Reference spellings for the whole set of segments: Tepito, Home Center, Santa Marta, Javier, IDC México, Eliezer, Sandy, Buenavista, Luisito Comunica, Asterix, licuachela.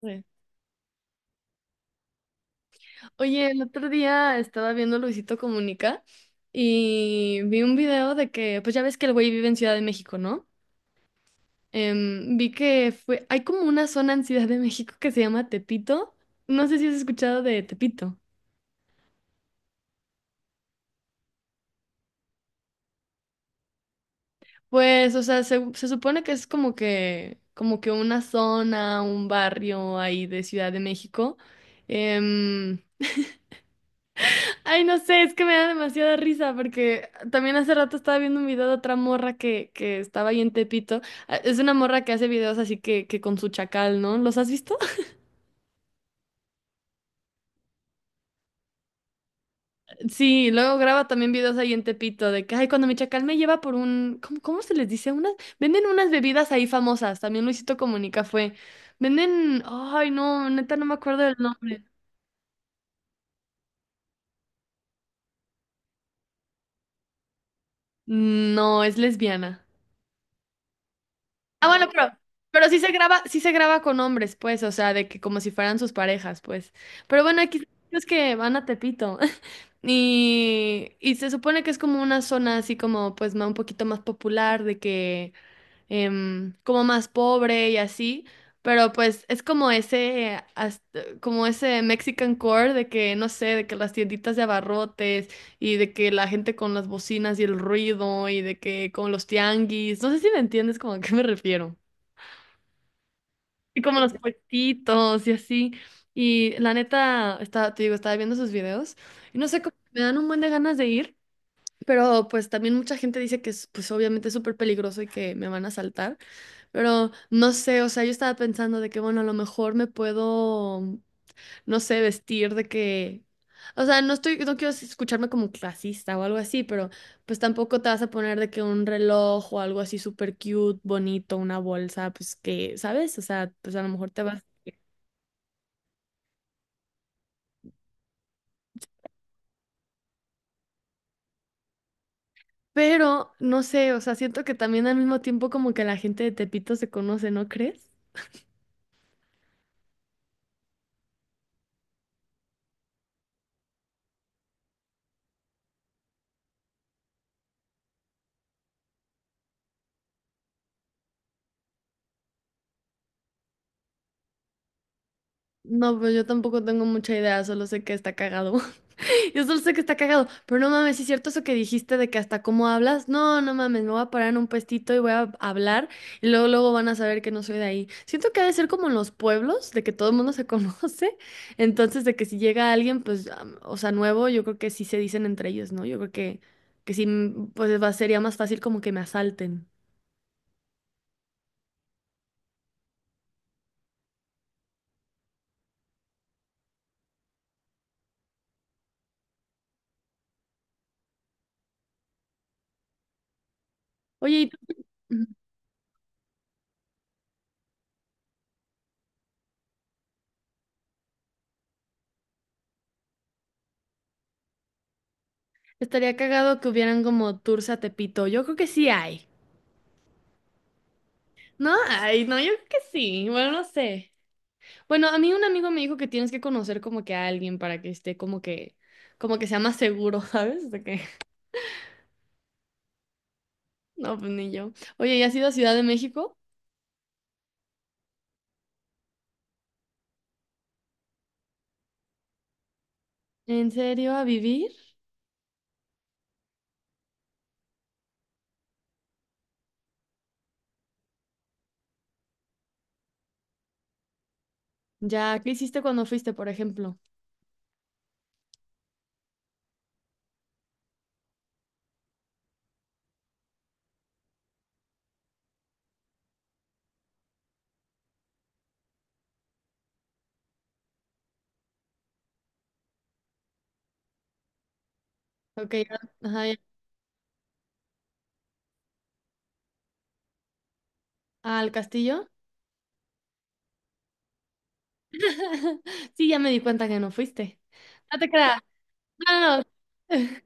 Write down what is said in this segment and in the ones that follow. Sí. Oye, el otro día estaba viendo Luisito Comunica y vi un video de que, pues ya ves que el güey vive en Ciudad de México, ¿no? Vi que fue, hay como una zona en Ciudad de México que se llama Tepito. No sé si has escuchado de Tepito. Pues, o sea, se supone que es como que, una zona, un barrio ahí de Ciudad de México. Em, Ay, no sé, es que me da demasiada risa porque también hace rato estaba viendo un video de otra morra que estaba ahí en Tepito. Ah, es una morra que hace videos así que, con su chacal, ¿no? ¿Los has visto? Sí, luego graba también videos ahí en Tepito de que, ay, cuando mi chacal me lleva por un, ¿cómo se les dice? Venden unas bebidas ahí famosas, también Luisito Comunica fue. Venden, ay, no, neta no me acuerdo del nombre. No, es lesbiana. Ah, bueno, pero sí se graba con hombres, pues, o sea, de que como si fueran sus parejas, pues. Pero bueno, aquí es que van a Tepito. Y se supone que es como una zona así como, pues, un poquito más popular, de que como más pobre y así. Pero pues es como ese Mexican core de que, no sé, de que las tienditas de abarrotes y de que la gente con las bocinas y el ruido y de que con los tianguis. No sé si me entiendes como a qué me refiero. Y como los puestitos y así. Y la neta, estaba, te digo, estaba viendo sus videos y no sé cómo me dan un buen de ganas de ir, pero pues también mucha gente dice que es, pues obviamente es súper peligroso y que me van a asaltar, pero no sé, o sea, yo estaba pensando de que, bueno, a lo mejor me puedo, no sé, vestir de que, o sea, no quiero escucharme como clasista o algo así, pero pues tampoco te vas a poner de que un reloj o algo así súper cute, bonito, una bolsa, pues que, ¿sabes? O sea, pues a lo mejor te vas. Pero, no sé, o sea, siento que también al mismo tiempo como que la gente de Tepito se conoce, ¿no crees? No, pues yo tampoco tengo mucha idea, solo sé que está cagado. Yo solo sé que está cagado, pero no mames, ¿sí es cierto eso que dijiste de que hasta cómo hablas? No, no mames, me voy a parar en un puestito y voy a hablar y luego luego van a saber que no soy de ahí. Siento que ha de ser como en los pueblos, de que todo el mundo se conoce, entonces de que si llega alguien, pues, o sea, nuevo, yo creo que sí se dicen entre ellos, ¿no? Yo creo que sí, pues sería más fácil como que me asalten. Oye, ¿y Ujú. Estaría cagado que hubieran como tours a Tepito. Yo creo que sí hay. ¿No? Ay, no, yo creo que sí. Bueno, no sé. Bueno, a mí un amigo me dijo que tienes que conocer como que a alguien para que esté como que sea más seguro, ¿sabes? No, pues ni yo. Oye, ¿y has ido a Ciudad de México? ¿En serio? ¿A vivir? Ya, ¿qué hiciste cuando fuiste, por ejemplo? Ok, ajá, ya. ¿Al castillo? Sí, ya me di cuenta que no fuiste. No te creas. No, no, no.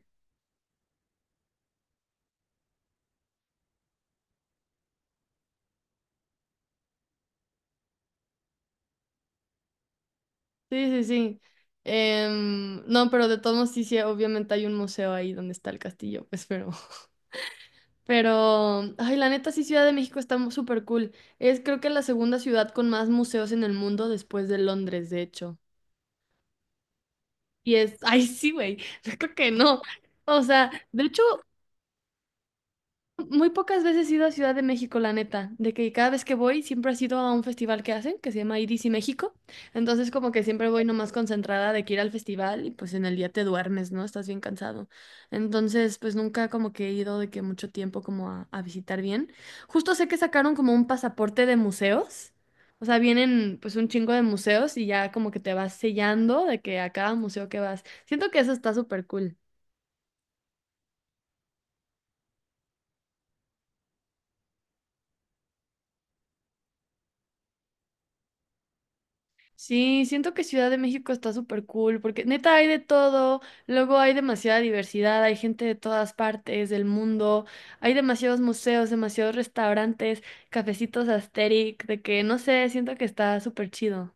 Sí, sí, sí. No, pero de todos modos sí, sí, obviamente hay un museo ahí donde está el castillo, pues, pero... Pero, ay, la neta sí, Ciudad de México está súper cool. Es creo que la segunda ciudad con más museos en el mundo después de Londres, de hecho. Y es, ay, sí, güey, yo creo que no. O sea, de hecho, muy pocas veces he ido a Ciudad de México, la neta, de que cada vez que voy siempre ha sido a un festival que hacen, que se llama IDC México, entonces como que siempre voy nomás concentrada de que ir al festival y pues en el día te duermes, ¿no? Estás bien cansado. Entonces pues nunca como que he ido de que mucho tiempo como a visitar bien. Justo sé que sacaron como un pasaporte de museos, o sea, vienen pues un chingo de museos y ya como que te vas sellando de que a cada museo que vas. Siento que eso está súper cool. Sí, siento que Ciudad de México está súper cool porque neta hay de todo, luego hay demasiada diversidad, hay gente de todas partes del mundo, hay demasiados museos, demasiados restaurantes, cafecitos Asterix, de que no sé, siento que está súper chido.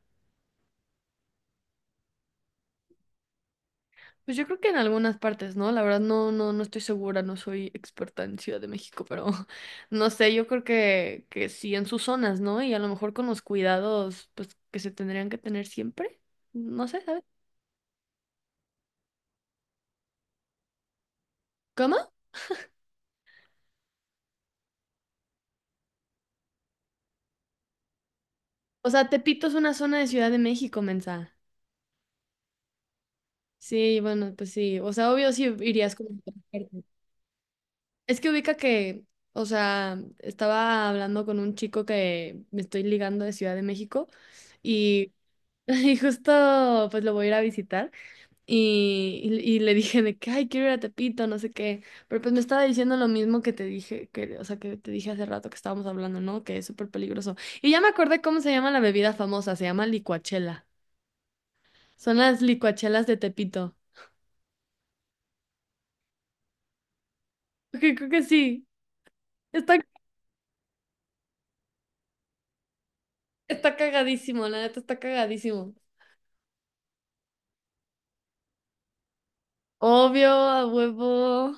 Pues yo creo que en algunas partes, ¿no? La verdad no, no, no estoy segura, no soy experta en Ciudad de México, pero no sé, yo creo que sí en sus zonas, ¿no? Y a lo mejor con los cuidados pues que se tendrían que tener siempre, no sé, ¿sabes? ¿Cómo? O sea, Tepito es una zona de Ciudad de México, mensa. Sí, bueno, pues sí. O sea, obvio sí irías como transporte. Es que ubica que, o sea, estaba hablando con un chico que me estoy ligando de Ciudad de México y, y justo pues lo voy a ir a visitar y le dije de que, ay, quiero ir a Tepito, no sé qué. Pero pues me estaba diciendo lo mismo que te dije, que, o sea, que te dije hace rato que estábamos hablando, ¿no? Que es súper peligroso. Y ya me acordé cómo se llama la bebida famosa, se llama licuachela. Son las licuachelas de Tepito. Ok, creo que sí. Está, está cagadísimo, la neta está cagadísimo. Obvio, a huevo.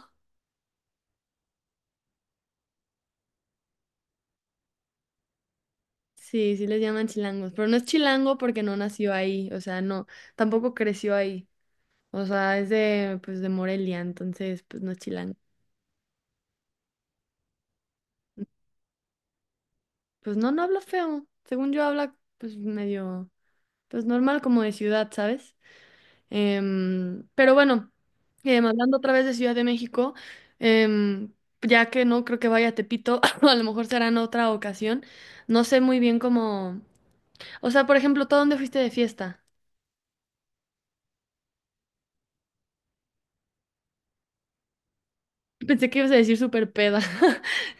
Sí, sí les llaman chilangos, pero no es chilango porque no nació ahí, o sea, no, tampoco creció ahí. O sea, es de, pues, de Morelia, entonces, pues no es chilango. Pues no, no habla feo. Según yo habla, pues medio, pues normal como de ciudad, ¿sabes? Pero bueno, hablando otra vez de Ciudad de México, em, ya que no creo que vaya a Tepito, a lo mejor será en otra ocasión. No sé muy bien cómo. O sea, por ejemplo, ¿tú a dónde fuiste de fiesta? Pensé que ibas a decir súper peda.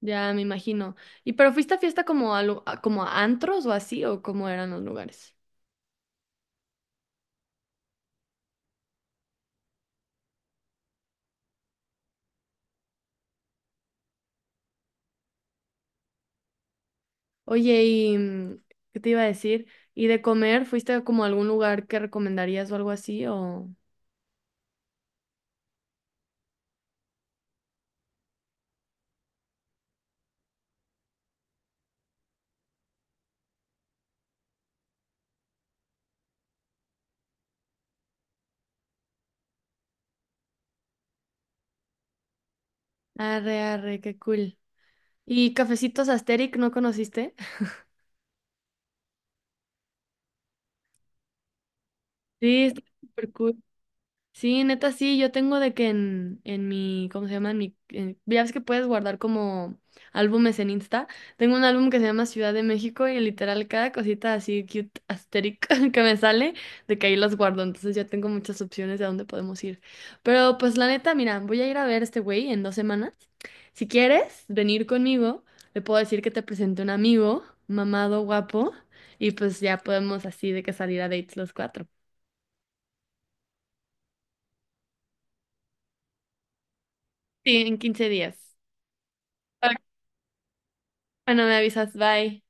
Ya me imagino. ¿Y pero fuiste a fiesta como como a antros o así o cómo eran los lugares? Oye, ¿y qué te iba a decir? ¿Y de comer fuiste a como a algún lugar que recomendarías o algo así o... Arre, arre, qué cool. ¿Y Cafecitos Asterix no conociste? Sí, está súper cool. Sí, neta, sí, yo tengo de que en, en mi, ¿cómo se llama? Ya ves que puedes guardar como álbumes en Insta. Tengo un álbum que se llama Ciudad de México y literal cada cosita así cute, asteric que me sale, de que ahí las guardo. Entonces ya tengo muchas opciones de a dónde podemos ir. Pero pues la neta, mira, voy a ir a ver a este güey en 2 semanas. Si quieres venir conmigo, le puedo decir que te presente un amigo, mamado, guapo, y pues ya podemos así de que salir a dates los cuatro. Sí, en 15 días. Bueno, me avisas, bye.